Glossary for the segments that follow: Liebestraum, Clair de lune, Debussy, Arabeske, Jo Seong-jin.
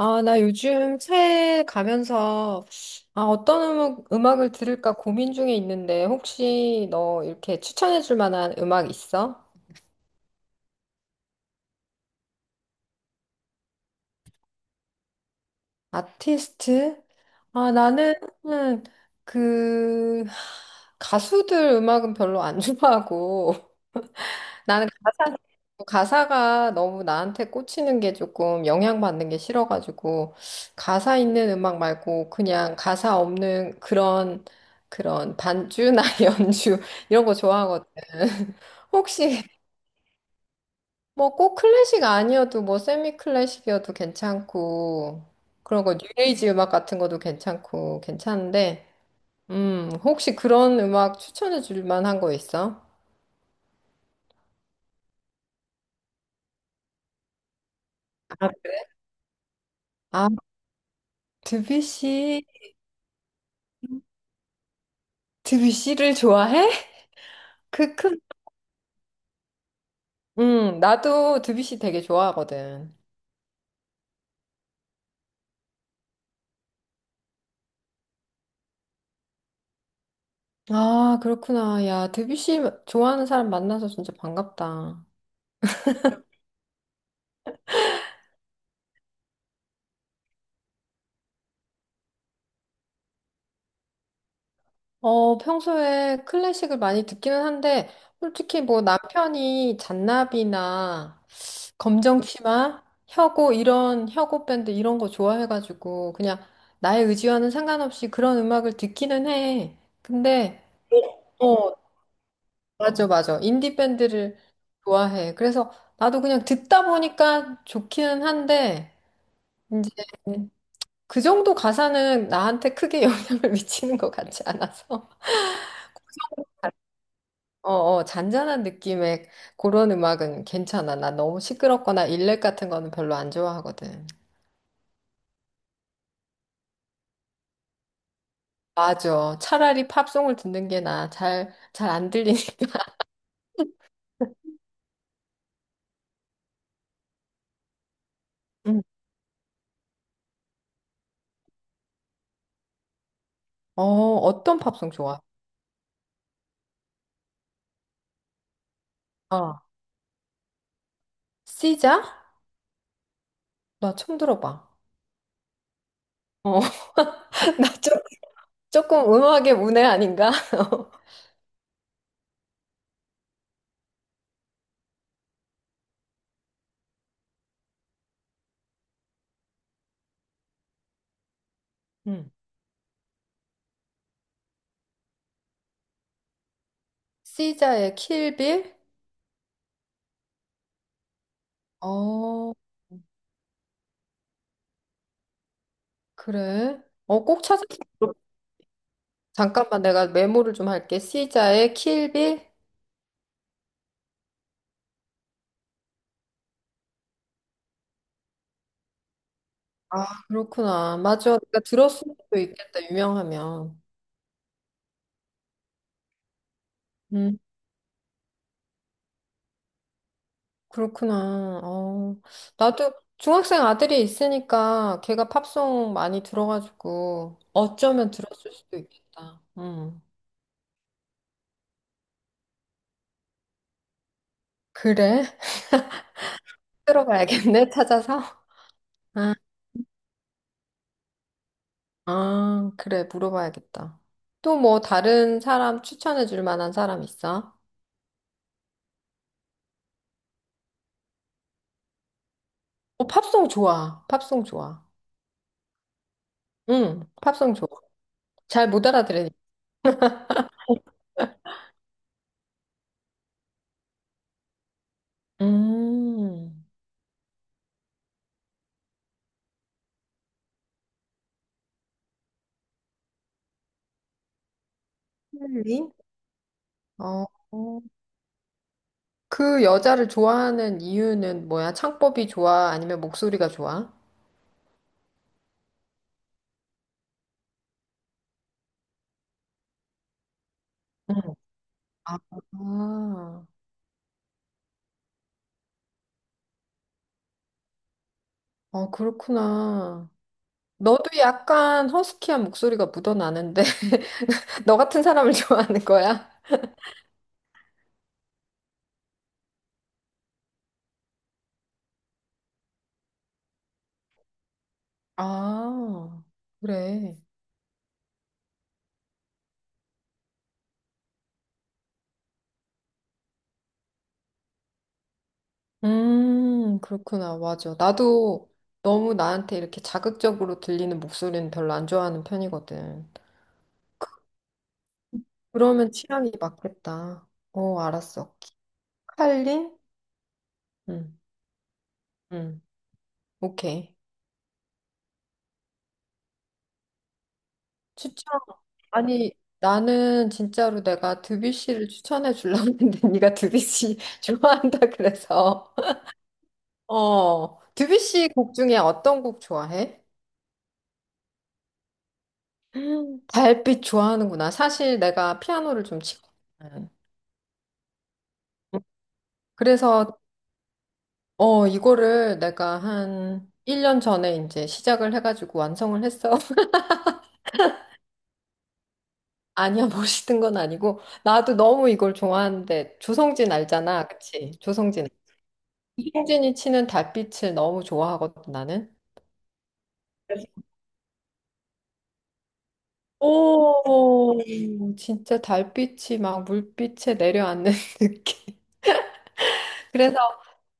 아, 나 요즘 차에 가면서 아, 어떤 음악을 들을까 고민 중에 있는데 혹시 너 이렇게 추천해 줄 만한 음악 있어? 아티스트? 아, 나는 음, 그 가수들 음악은 별로 안 좋아하고 나는 가사, 가사가 너무 나한테 꽂히는 게 조금 영향받는 게 싫어가지고, 가사 있는 음악 말고 그냥 가사 없는 그런, 그런 반주나 연주, 이런 거 좋아하거든. 혹시 뭐 꼭 클래식 아니어도 뭐 세미 클래식이어도 괜찮고, 그런 거 뉴에이지 음악 같은 것도 괜찮고, 괜찮은데, 혹시 그런 음악 추천해 줄 만한 거 있어? 아, 아, 드뷔시, 드뷔시를 좋아해? 그 큰, 나도 드뷔시 되게 좋아하거든. 아, 그렇구나. 야, 드뷔시 좋아하는 사람 만나서 진짜 반갑다. 어, 평소에 클래식을 많이 듣기는 한데, 솔직히 뭐 남편이 잔나비나 검정치마, 혁오 이런 혁오 밴드 이런 거 좋아해가지고 그냥 나의 의지와는 상관없이 그런 음악을 듣기는 해. 근데 어, 맞아, 맞아. 인디 밴드를 좋아해. 그래서 나도 그냥 듣다 보니까 좋기는 한데, 이제 그 정도 가사는 나한테 크게 영향을 미치는 것 같지 않아서. 어, 어, 잔잔한 느낌의 그런 음악은 괜찮아. 나 너무 시끄럽거나 일렉 같은 거는 별로 안 좋아하거든. 맞아. 차라리 팝송을 듣는 게 나아. 잘 안 들리니까. 음. 어, 어떤 팝송 좋아? 어, 시자? 나 처음 들어봐. 어, 나 조금 음악의 문외 아닌가? 응. 시자의 킬빌? 어, 그래. 어, 꼭 찾아. 잠깐만, 내가 메모를 좀 할게. 시자의 킬빌? 아, 그렇구나. 맞아. 내가 들었을 수도 있겠다, 유명하면. 음, 그렇구나. 어, 나도 중학생 아들이 있으니까 걔가 팝송 많이 들어가지고 어쩌면 들었을 수도 있겠다. 그래? 들어가야겠네, 찾아서. 아. 아, 그래, 물어봐야겠다. 또 뭐 다른 사람 추천해 줄 만한 사람 있어? 어, 팝송 좋아. 팝송 좋아. 응, 팝송 좋아. 잘 못 알아들으니. 음, 힐리? 어, 어. 그 여자를 좋아하는 이유는 뭐야? 창법이 좋아? 아니면 목소리가 좋아? 응. 아, 아, 어, 그렇구나. 너도 약간 허스키한 목소리가 묻어나는데, 너 같은 사람을 좋아하는 거야? 아, 그래. 그렇구나. 맞아. 나도 너무 나한테 이렇게 자극적으로 들리는 목소리는 별로 안 좋아하는 편이거든. 그러면 취향이 맞겠다. 어, 알았어. 칼린? 응, 응. 오케이. 추천. 아니, 나는 진짜로 내가 드뷔시를 추천해 주려고 했는데 네가 드뷔시 좋아한다 그래서. 어, 드뷔시 곡 중에 어떤 곡 좋아해? 달빛 좋아하는구나. 사실 내가 피아노를 좀 치거든. 그래서, 이거를 내가 한 1년 전에 이제 시작을 해가지고 완성을 했어. 아니야, 멋있는 건 아니고. 나도 너무 이걸 좋아하는데, 조성진 알잖아. 그치? 조성진. 조성진이 치는 달빛을 너무 좋아하거든, 나는. 오, 진짜 달빛이 막 물빛에 내려앉는 느낌. 그래서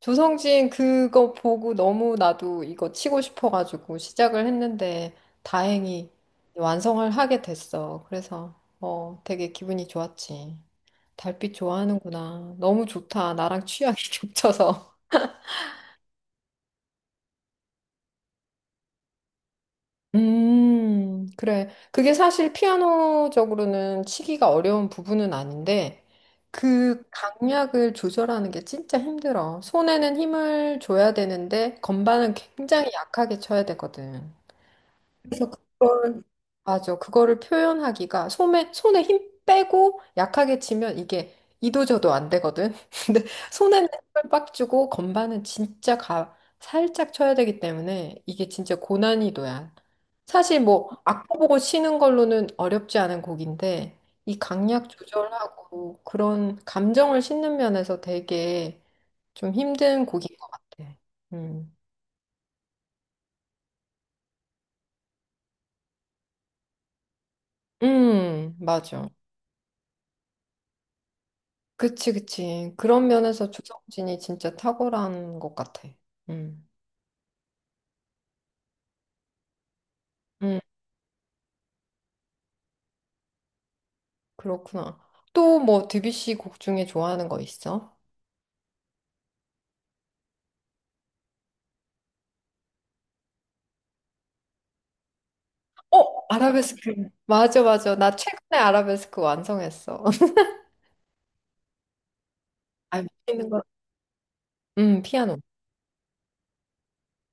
조성진 그거 보고 너무 나도 이거 치고 싶어가지고 시작을 했는데 다행히 완성을 하게 됐어. 그래서 어, 되게 기분이 좋았지. 달빛 좋아하는구나. 너무 좋다. 나랑 취향이 겹쳐서. 그래. 그게 사실 피아노적으로는 치기가 어려운 부분은 아닌데 그 강약을 조절하는 게 진짜 힘들어. 손에는 힘을 줘야 되는데 건반은 굉장히 약하게 쳐야 되거든. 그래서 그걸 맞아. 그거를 표현하기가 손에 힘 빼고 약하게 치면 이게 이도저도 안 되거든. 근데 손에는 힘을 빡 주고 건반은 진짜 가 살짝 쳐야 되기 때문에 이게 진짜 고난이도야. 사실 뭐 악보 보고 치는 걸로는 어렵지 않은 곡인데 이 강약 조절하고 그런 감정을 싣는 면에서 되게 좀 힘든 곡인 것 같아. 음. 맞아. 그치, 그치. 그런 면에서 조성진이 진짜 탁월한 것 같아. 음, 음, 그렇구나. 또 뭐 드뷔시 곡 중에 좋아하는 거 있어? 어, 아라베스크. 맞아, 맞아. 나 최근에 아라베스크 완성했어. 아, 있는 거. 피아노.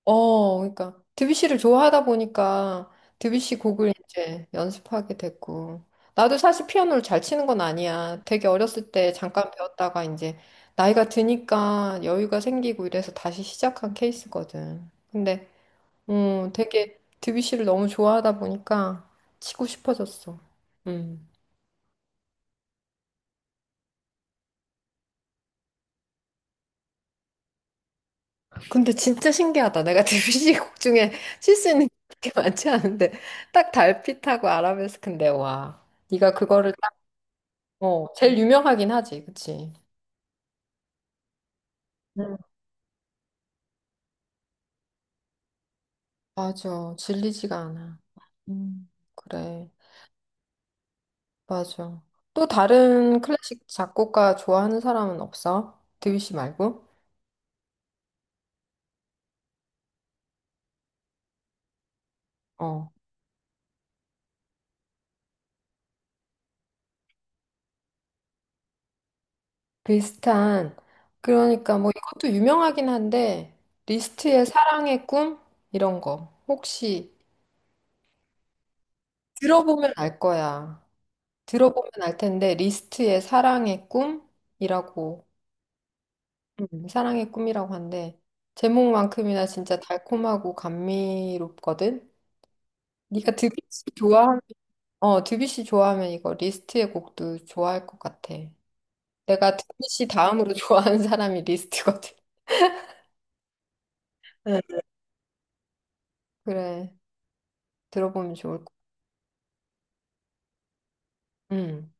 어, 그러니까 드뷔시를 좋아하다 보니까 드뷔시 곡을 이제 연습하게 됐고 나도 사실 피아노를 잘 치는 건 아니야. 되게 어렸을 때 잠깐 배웠다가 이제 나이가 드니까 여유가 생기고 이래서 다시 시작한 케이스거든. 근데 되게 드뷔시를 너무 좋아하다 보니까 치고 싶어졌어. 음. 근데 진짜 신기하다. 내가 드뷔시 곡 중에 칠 수 있는 게 많지 않은데 딱 달빛하고 아라베스크인데 와. 네가 그거를 어, 제일 유명하긴 하지, 그치? 음. 맞아. 질리지가 않아. 음, 그래. 맞아. 또 다른 클래식 작곡가 좋아하는 사람은 없어? 드뷔시 말고? 어, 비슷한. 그러니까 뭐 이것도 유명하긴 한데, 리스트의 사랑의 꿈? 이런 거. 혹시 들어보면 알 거야. 들어보면 알 텐데, 리스트의 사랑의 꿈이라고 사랑의 꿈이라고 한데 제목만큼이나 진짜 달콤하고 감미롭거든. 네가 드뷔시 좋아하면 이거 리스트의 곡도 좋아할 것 같아. 내가 드뷔시 다음으로 좋아하는 사람이 리스트거든. 응. 그래 들어보면 좋을 것. 같아. 음,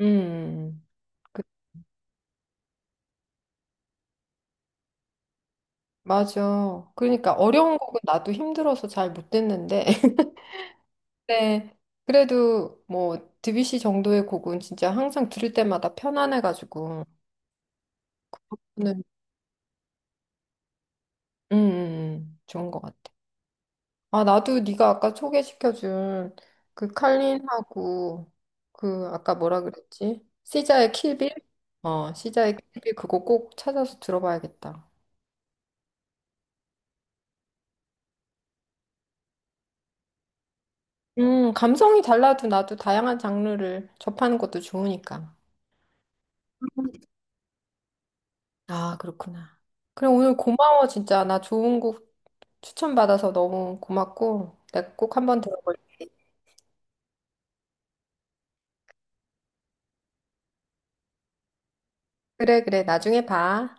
음, 그, 맞아. 그러니까 어려운 곡은 나도 힘들어서 잘 못 듣는데. 네, 그래도 뭐 드뷔시 정도의 곡은 진짜 항상 들을 때마다 편안해가지고. 좋은 것 같아. 아, 나도 네가 아까 소개시켜준 그 칼린하고 그 아까 뭐라 그랬지? 시자의 킬빌? 어, 시자의 킬빌 그거 꼭 찾아서 들어봐야겠다. 감성이 달라도 나도 다양한 장르를 접하는 것도 좋으니까. 아, 그렇구나. 그럼 오늘 고마워, 진짜. 나 좋은 곡 추천받아서 너무 고맙고, 내가 꼭 한번 들어볼게. 그래, 그래. 나중에 봐.